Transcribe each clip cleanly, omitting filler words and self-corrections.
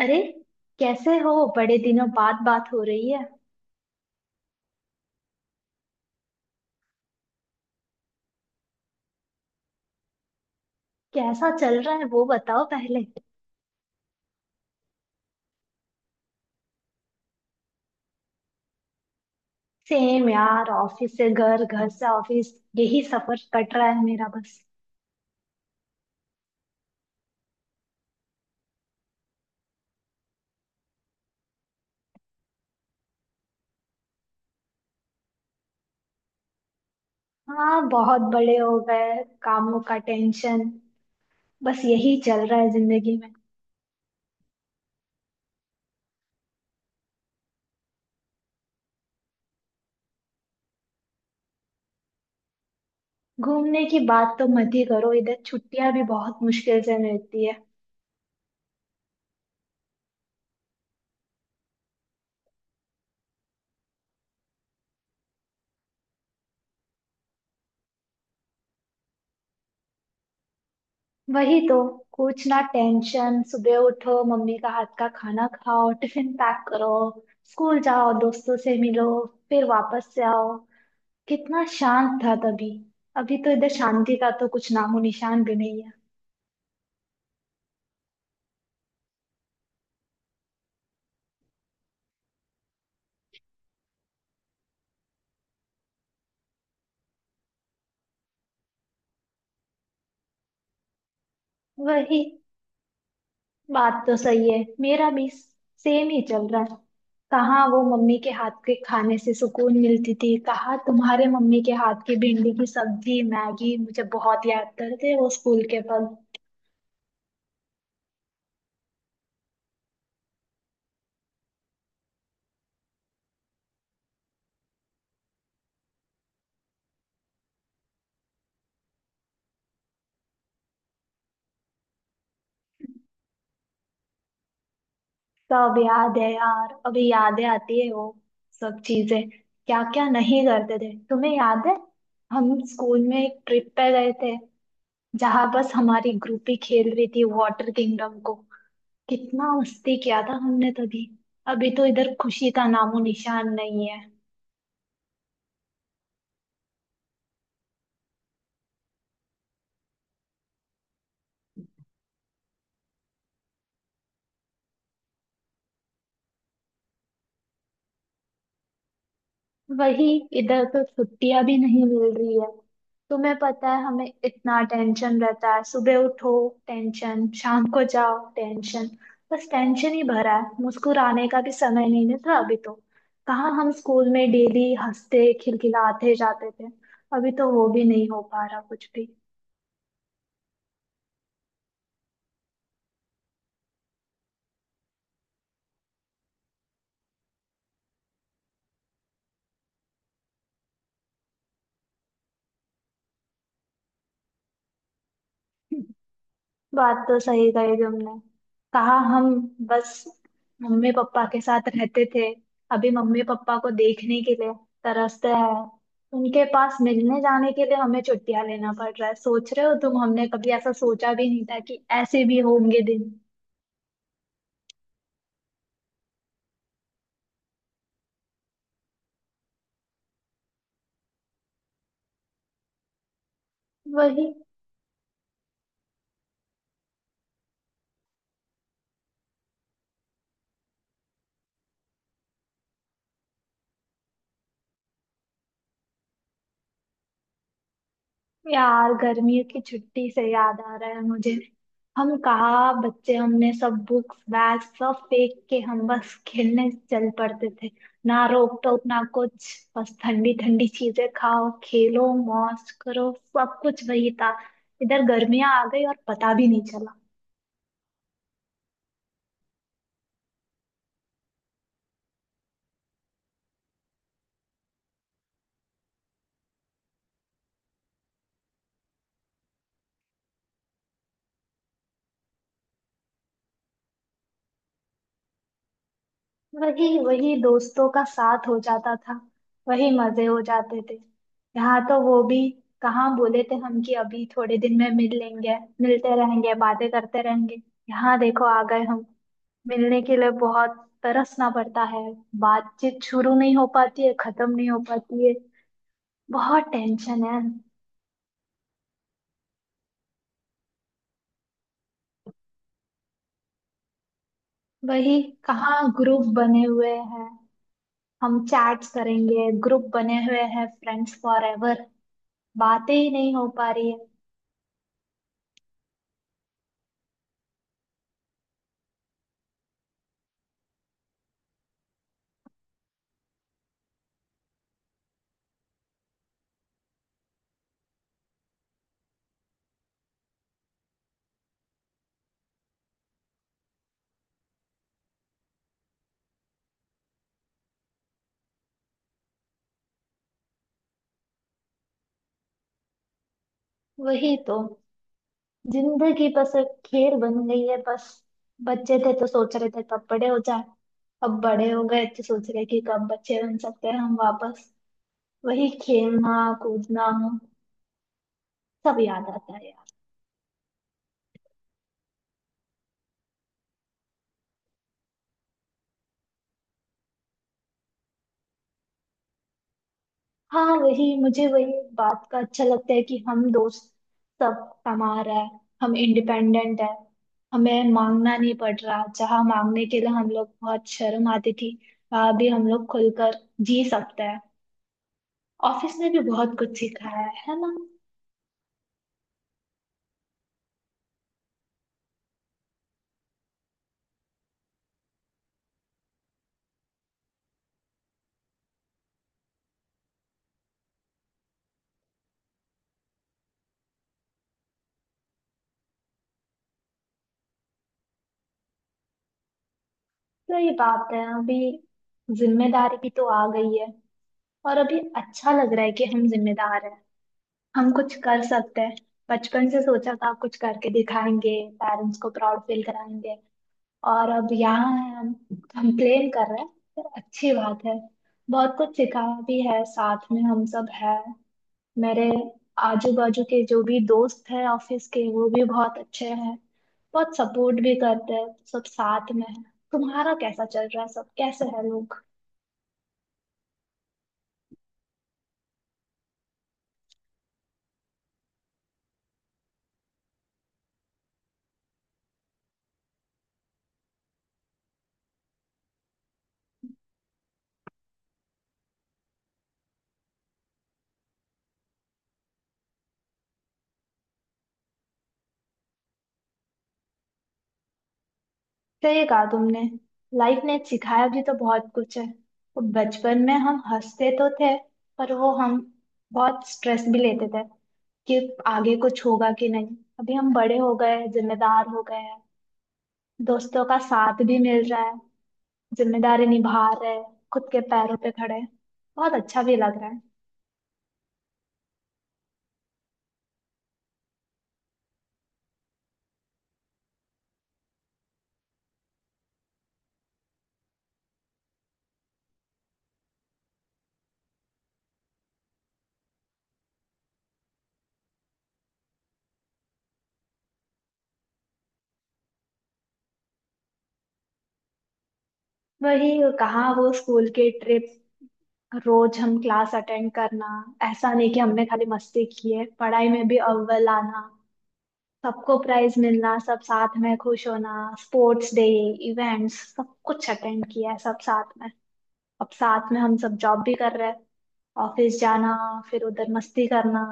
अरे, कैसे हो। बड़े दिनों बाद बात हो रही है। कैसा चल रहा है वो बताओ पहले। सेम यार, ऑफिस से घर, घर से ऑफिस, यही सफर कट रहा है मेरा बस। हाँ, बहुत बड़े हो गए, कामों का टेंशन बस यही चल रहा है जिंदगी में। घूमने की बात तो मत ही करो, इधर छुट्टियां भी बहुत मुश्किल से मिलती है। वही तो, कुछ ना टेंशन, सुबह उठो, मम्मी का हाथ का खाना खाओ, टिफिन पैक करो, स्कूल जाओ, दोस्तों से मिलो, फिर वापस से आओ। कितना शांत था तभी। अभी तो इधर शांति का तो कुछ नामो निशान भी नहीं है। वही, बात तो सही है, मेरा भी सेम ही चल रहा है। कहाँ वो मम्मी के हाथ के खाने से सुकून मिलती थी, कहाँ तुम्हारे मम्मी के हाथ की भिंडी की सब्जी, मैगी, मुझे बहुत याद करते हैं वो स्कूल के पल। सब याद है यार, अभी यादें आती है वो सब चीजें। क्या क्या नहीं करते थे। तुम्हें याद है, हम स्कूल में एक ट्रिप पे गए थे, जहां बस हमारी ग्रुप ही खेल रही थी, वाटर किंगडम को। कितना मस्ती किया था हमने तभी। अभी तो इधर खुशी का नामो निशान नहीं है। वही, इधर तो छुट्टियां भी नहीं मिल रही है। तुम्हें पता है, हमें इतना टेंशन रहता है। सुबह उठो टेंशन, शाम को जाओ टेंशन, बस टेंशन ही भरा है। मुस्कुराने का भी समय नहीं मिलता अभी तो। कहाँ हम स्कूल में डेली हंसते खिलखिलाते जाते थे, अभी तो वो भी नहीं हो पा रहा कुछ भी। बात तो सही कही तुमने। कहा हम बस मम्मी पापा के साथ रहते थे, अभी मम्मी पापा को देखने के लिए तरसते हैं। उनके पास मिलने जाने के लिए हमें छुट्टियां लेना पड़ रहा है। सोच रहे हो तुम, हमने कभी ऐसा सोचा भी नहीं था कि ऐसे भी होंगे दिन। वही, यार गर्मियों की छुट्टी से याद आ रहा है मुझे। हम कहा बच्चे, हमने सब बुक्स बैग सब फेंक के हम बस खेलने चल पड़ते थे। ना रोक टोक ना कुछ, बस ठंडी ठंडी चीजें खाओ, खेलो, मौज करो। सब कुछ वही था। इधर गर्मियां आ गई और पता भी नहीं चला। वही, वही दोस्तों का साथ हो जाता था, वही मजे हो जाते थे। यहाँ तो वो भी, कहाँ बोले थे हम कि अभी थोड़े दिन में मिल लेंगे, मिलते रहेंगे, बातें करते रहेंगे। यहाँ देखो आ गए हम, मिलने के लिए बहुत तरसना पड़ता है। बातचीत शुरू नहीं हो पाती है, खत्म नहीं हो पाती है। बहुत टेंशन है। वही, कहाँ ग्रुप बने हुए हैं, हम चैट्स करेंगे, ग्रुप बने हुए हैं फ्रेंड्स फॉर एवर, बातें ही नहीं हो पा रही है। वही तो, जिंदगी बस एक खेल बन गई है बस। बच्चे थे तो सोच रहे थे कब बड़े हो जाए, अब बड़े हो गए तो सोच रहे कि कब बच्चे बन सकते हैं हम वापस। वही खेलना, कूदना, सब याद आता है यार। हाँ, वही मुझे वही बात का अच्छा लगता है कि हम दोस्त सब कमा रहा है, हम इंडिपेंडेंट है, हमें मांगना नहीं पड़ रहा। जहाँ मांगने के लिए हम लोग बहुत शर्म आती थी, वहां भी हम लोग खुलकर जी सकते हैं। ऑफिस ने भी बहुत कुछ सिखाया है ना। सही बात है, अभी जिम्मेदारी भी तो आ गई है और अभी अच्छा लग रहा है कि हम जिम्मेदार हैं, हम कुछ कर सकते हैं। बचपन से सोचा था कुछ करके दिखाएंगे, पेरेंट्स को प्राउड फील कराएंगे। और अब यहाँ है हम, कंप्लेन कर रहे हैं। पर अच्छी बात है, बहुत कुछ सीखा भी है, साथ में हम सब है। मेरे आजू बाजू के जो भी दोस्त हैं ऑफिस के, वो भी बहुत अच्छे हैं, बहुत सपोर्ट भी करते हैं, सब साथ में है। तुम्हारा कैसा चल रहा है, सब कैसे है लोग। सही कहा तुमने, लाइफ ने सिखाया भी तो बहुत कुछ है। वो बचपन में हम हंसते तो थे, पर वो हम बहुत स्ट्रेस भी लेते थे कि आगे कुछ होगा कि नहीं। अभी हम बड़े हो गए, जिम्मेदार हो गए हैं, दोस्तों का साथ भी मिल रहा है, जिम्मेदारी निभा रहे, खुद के पैरों पे खड़े, बहुत अच्छा भी लग रहा है। वही, कहाँ वो स्कूल के ट्रिप, रोज हम क्लास अटेंड करना। ऐसा नहीं कि हमने खाली मस्ती की है, पढ़ाई में भी अव्वल आना, सबको प्राइज मिलना, सब साथ में खुश होना, स्पोर्ट्स डे, इवेंट्स, सब कुछ अटेंड किया है सब साथ में। अब साथ में हम सब जॉब भी कर रहे हैं, ऑफिस जाना, फिर उधर मस्ती करना।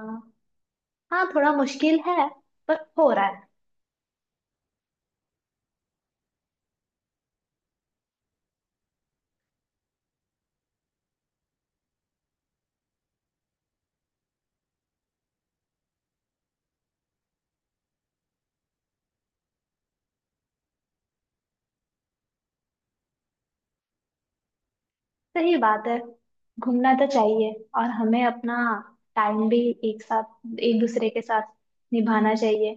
हाँ, थोड़ा मुश्किल है पर हो रहा है। सही बात है, घूमना तो चाहिए और हमें अपना टाइम भी एक साथ, एक दूसरे के साथ निभाना चाहिए।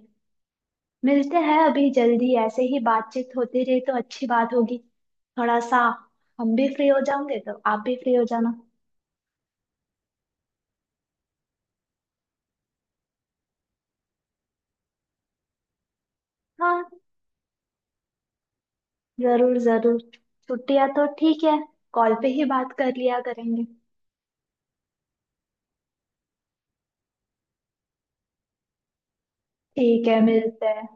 मिलते हैं अभी जल्दी, ऐसे ही बातचीत होती रही तो अच्छी बात होगी। थोड़ा सा हम भी फ्री हो जाएंगे तो आप भी फ्री हो जाना। हाँ, जरूर जरूर, छुट्टियां तो ठीक है, कॉल पे ही बात कर लिया करेंगे। ठीक है, मिलते हैं।